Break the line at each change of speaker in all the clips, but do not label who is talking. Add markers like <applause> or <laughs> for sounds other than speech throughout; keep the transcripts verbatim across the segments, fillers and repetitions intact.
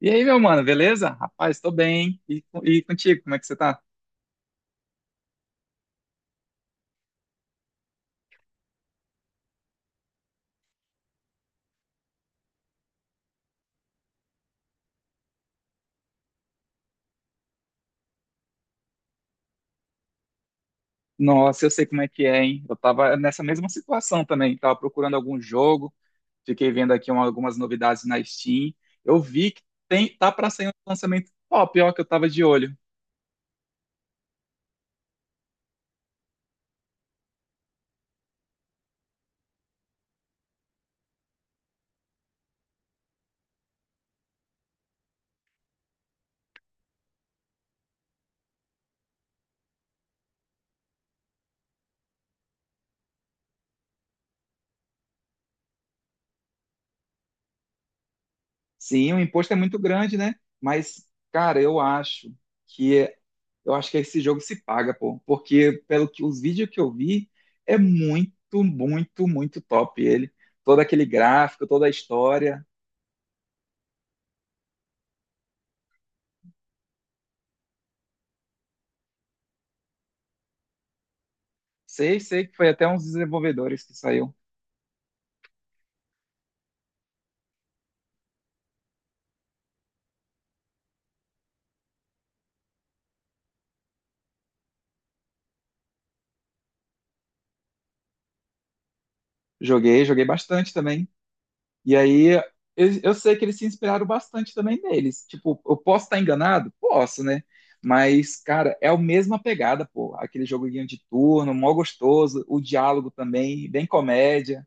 E aí, meu mano, beleza? Rapaz, tô bem. E, co- e contigo, como é que você tá? Nossa, eu sei como é que é, hein? Eu tava nessa mesma situação também. Tava procurando algum jogo, fiquei vendo aqui uma- algumas novidades na Steam. Eu vi que tem, tá pra sair um lançamento top, ó, que eu tava de olho. Sim, o imposto é muito grande, né? Mas, cara, eu acho que é- eu acho que esse jogo se paga, pô. Porque, pelo que os vídeos que eu vi, é muito, muito, muito top ele. Todo aquele gráfico, toda a história. Sei, sei que foi até uns desenvolvedores que saiu. Joguei, joguei bastante também. E aí, eu, eu sei que eles se inspiraram bastante também neles. Tipo, eu posso estar enganado? Posso, né? Mas, cara, é a mesma pegada, pô. Aquele joguinho de turno, mó gostoso. O diálogo também, bem comédia.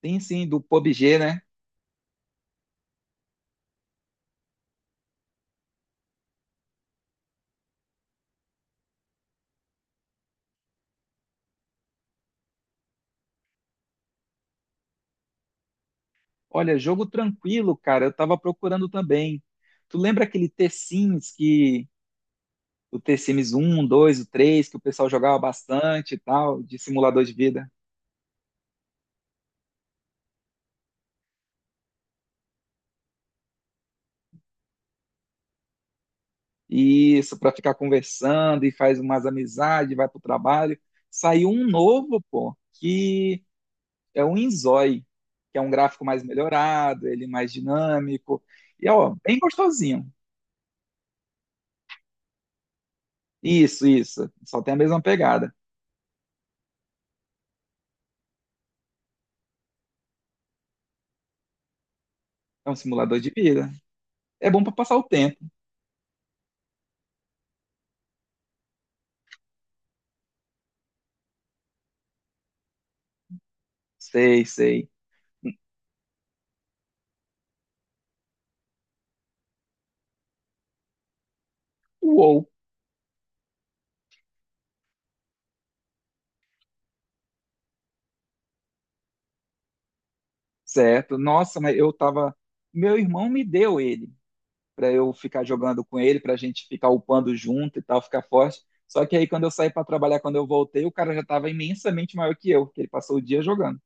Tem sim, do P U B G, né? Olha, jogo tranquilo, cara. Eu tava procurando também. Tu lembra aquele T-Sims que... O T-Sims um, dois, o três que o pessoal jogava bastante e tal, de simulador de vida. Isso, para ficar conversando e faz umas amizades, vai pro trabalho. Saiu um novo, pô, que é um Inzói, que é um gráfico mais melhorado, ele mais dinâmico. E, ó, bem gostosinho. Isso, isso. Só tem a mesma pegada. É um simulador de vida. É bom para passar o tempo. Sei, sei. Uou, certo. Nossa, mas eu tava. Meu irmão me deu ele para eu ficar jogando com ele, para a gente ficar upando junto e tal, ficar forte. Só que aí quando eu saí para trabalhar, quando eu voltei, o cara já estava imensamente maior que eu, porque ele passou o dia jogando.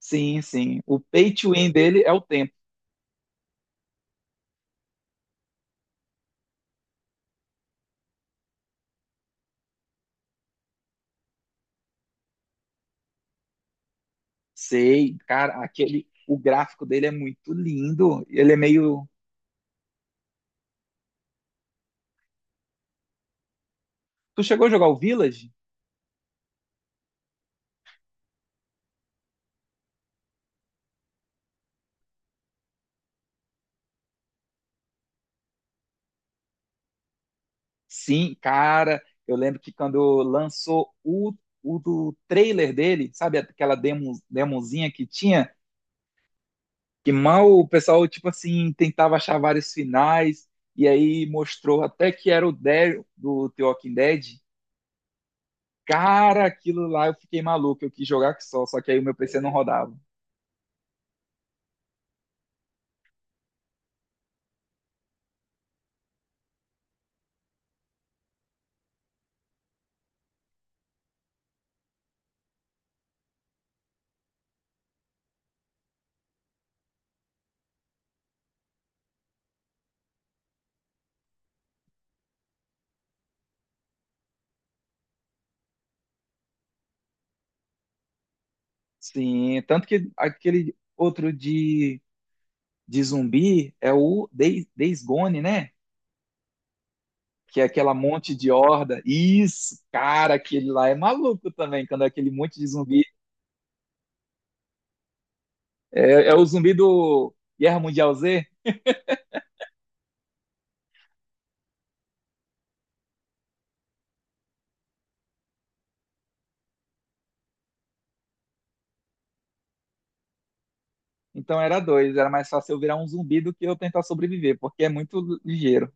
Sim, sim. O pay to win dele é o tempo. Sei, cara, aquele o gráfico dele é muito lindo. Ele é meio. Tu chegou a jogar o Village? Sim, cara, eu lembro que quando lançou o, o do trailer dele, sabe aquela demo, demozinha que tinha? Que mal o pessoal, tipo assim, tentava achar vários finais, e aí mostrou até que era o Daryl do The Walking Dead. Cara, aquilo lá eu fiquei maluco, eu quis jogar que só, só que aí o meu P C não rodava. Sim, tanto que aquele outro de, de zumbi é o Days, Days Gone, né? Que é aquela monte de horda. Isso, cara, aquele lá é maluco também, quando é aquele monte de zumbi. É, é o zumbi do Guerra Mundial Z? Então era dois, era mais fácil eu virar um zumbi do que eu tentar sobreviver, porque é muito ligeiro.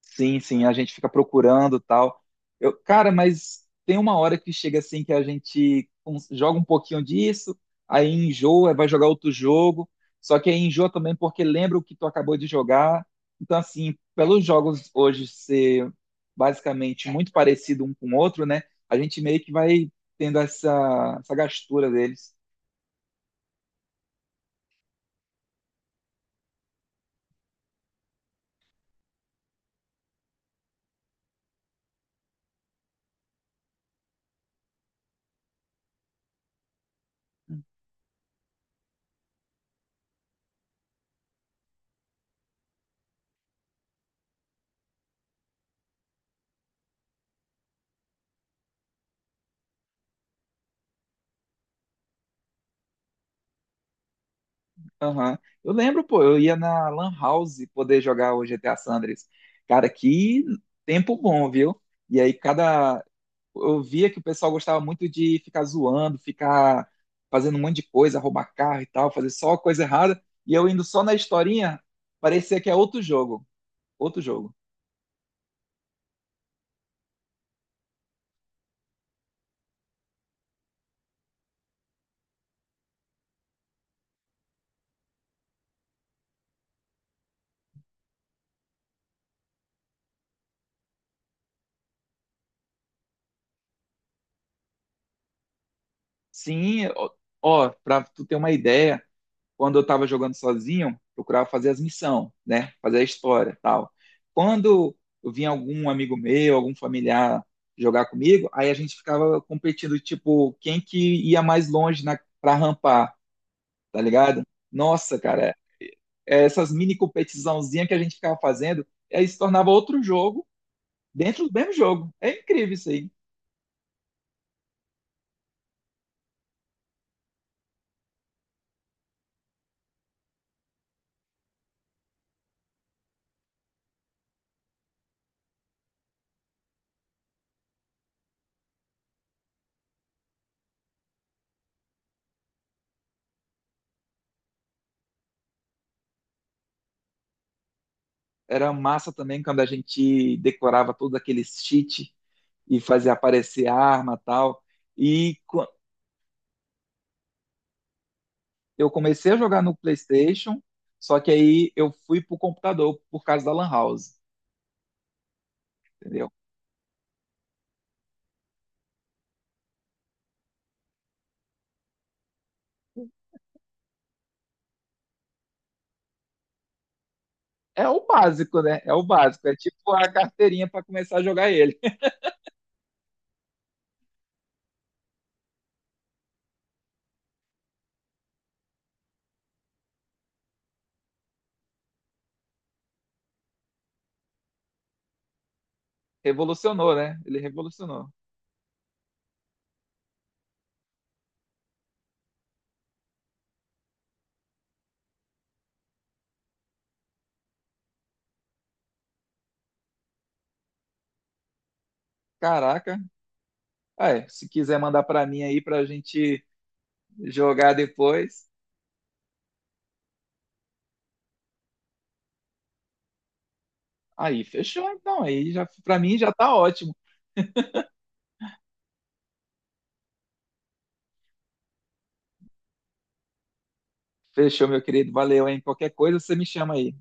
Sim, sim, a gente fica procurando tal. Eu, cara, mas tem uma hora que chega assim que a gente cons- joga um pouquinho disso, aí enjoa, vai jogar outro jogo, só que aí enjoa também porque lembra o que tu acabou de jogar. Então, assim, pelos jogos hoje ser basicamente muito parecido um com o outro, né? A gente meio que vai tendo essa, essa gastura deles. Aham. Eu lembro, pô, eu ia na Lan House poder jogar o G T A San Andreas. Cara, que tempo bom, viu? E aí cada eu via que o pessoal gostava muito de ficar zoando, ficar fazendo um monte de coisa, roubar carro e tal, fazer só coisa errada, e eu indo só na historinha, parecia que é outro jogo, outro jogo. Sim, ó, ó, pra tu ter uma ideia, quando eu estava jogando sozinho, procurava fazer as missões, né? Fazer a história, tal. Quando eu vinha algum amigo meu, algum familiar jogar comigo, aí a gente ficava competindo, tipo, quem que ia mais longe na, pra rampar, tá ligado? Nossa, cara, é, essas mini competiçãozinhas que a gente ficava fazendo, aí se tornava outro jogo dentro do mesmo jogo. É incrível isso aí. Era massa também quando a gente decorava todos aqueles cheat e fazia aparecer arma tal. E qu- eu comecei a jogar no PlayStation, só que aí eu fui pro computador por causa da Lan House, entendeu? É o básico, né? É o básico. É tipo a carteirinha para começar a jogar ele. <laughs> Revolucionou, né? Ele revolucionou. Caraca. Ah, é, se quiser mandar para mim aí pra gente jogar depois. Aí, fechou. Então, aí já para mim já tá ótimo. Fechou, meu querido. Valeu, hein? Qualquer coisa você me chama aí.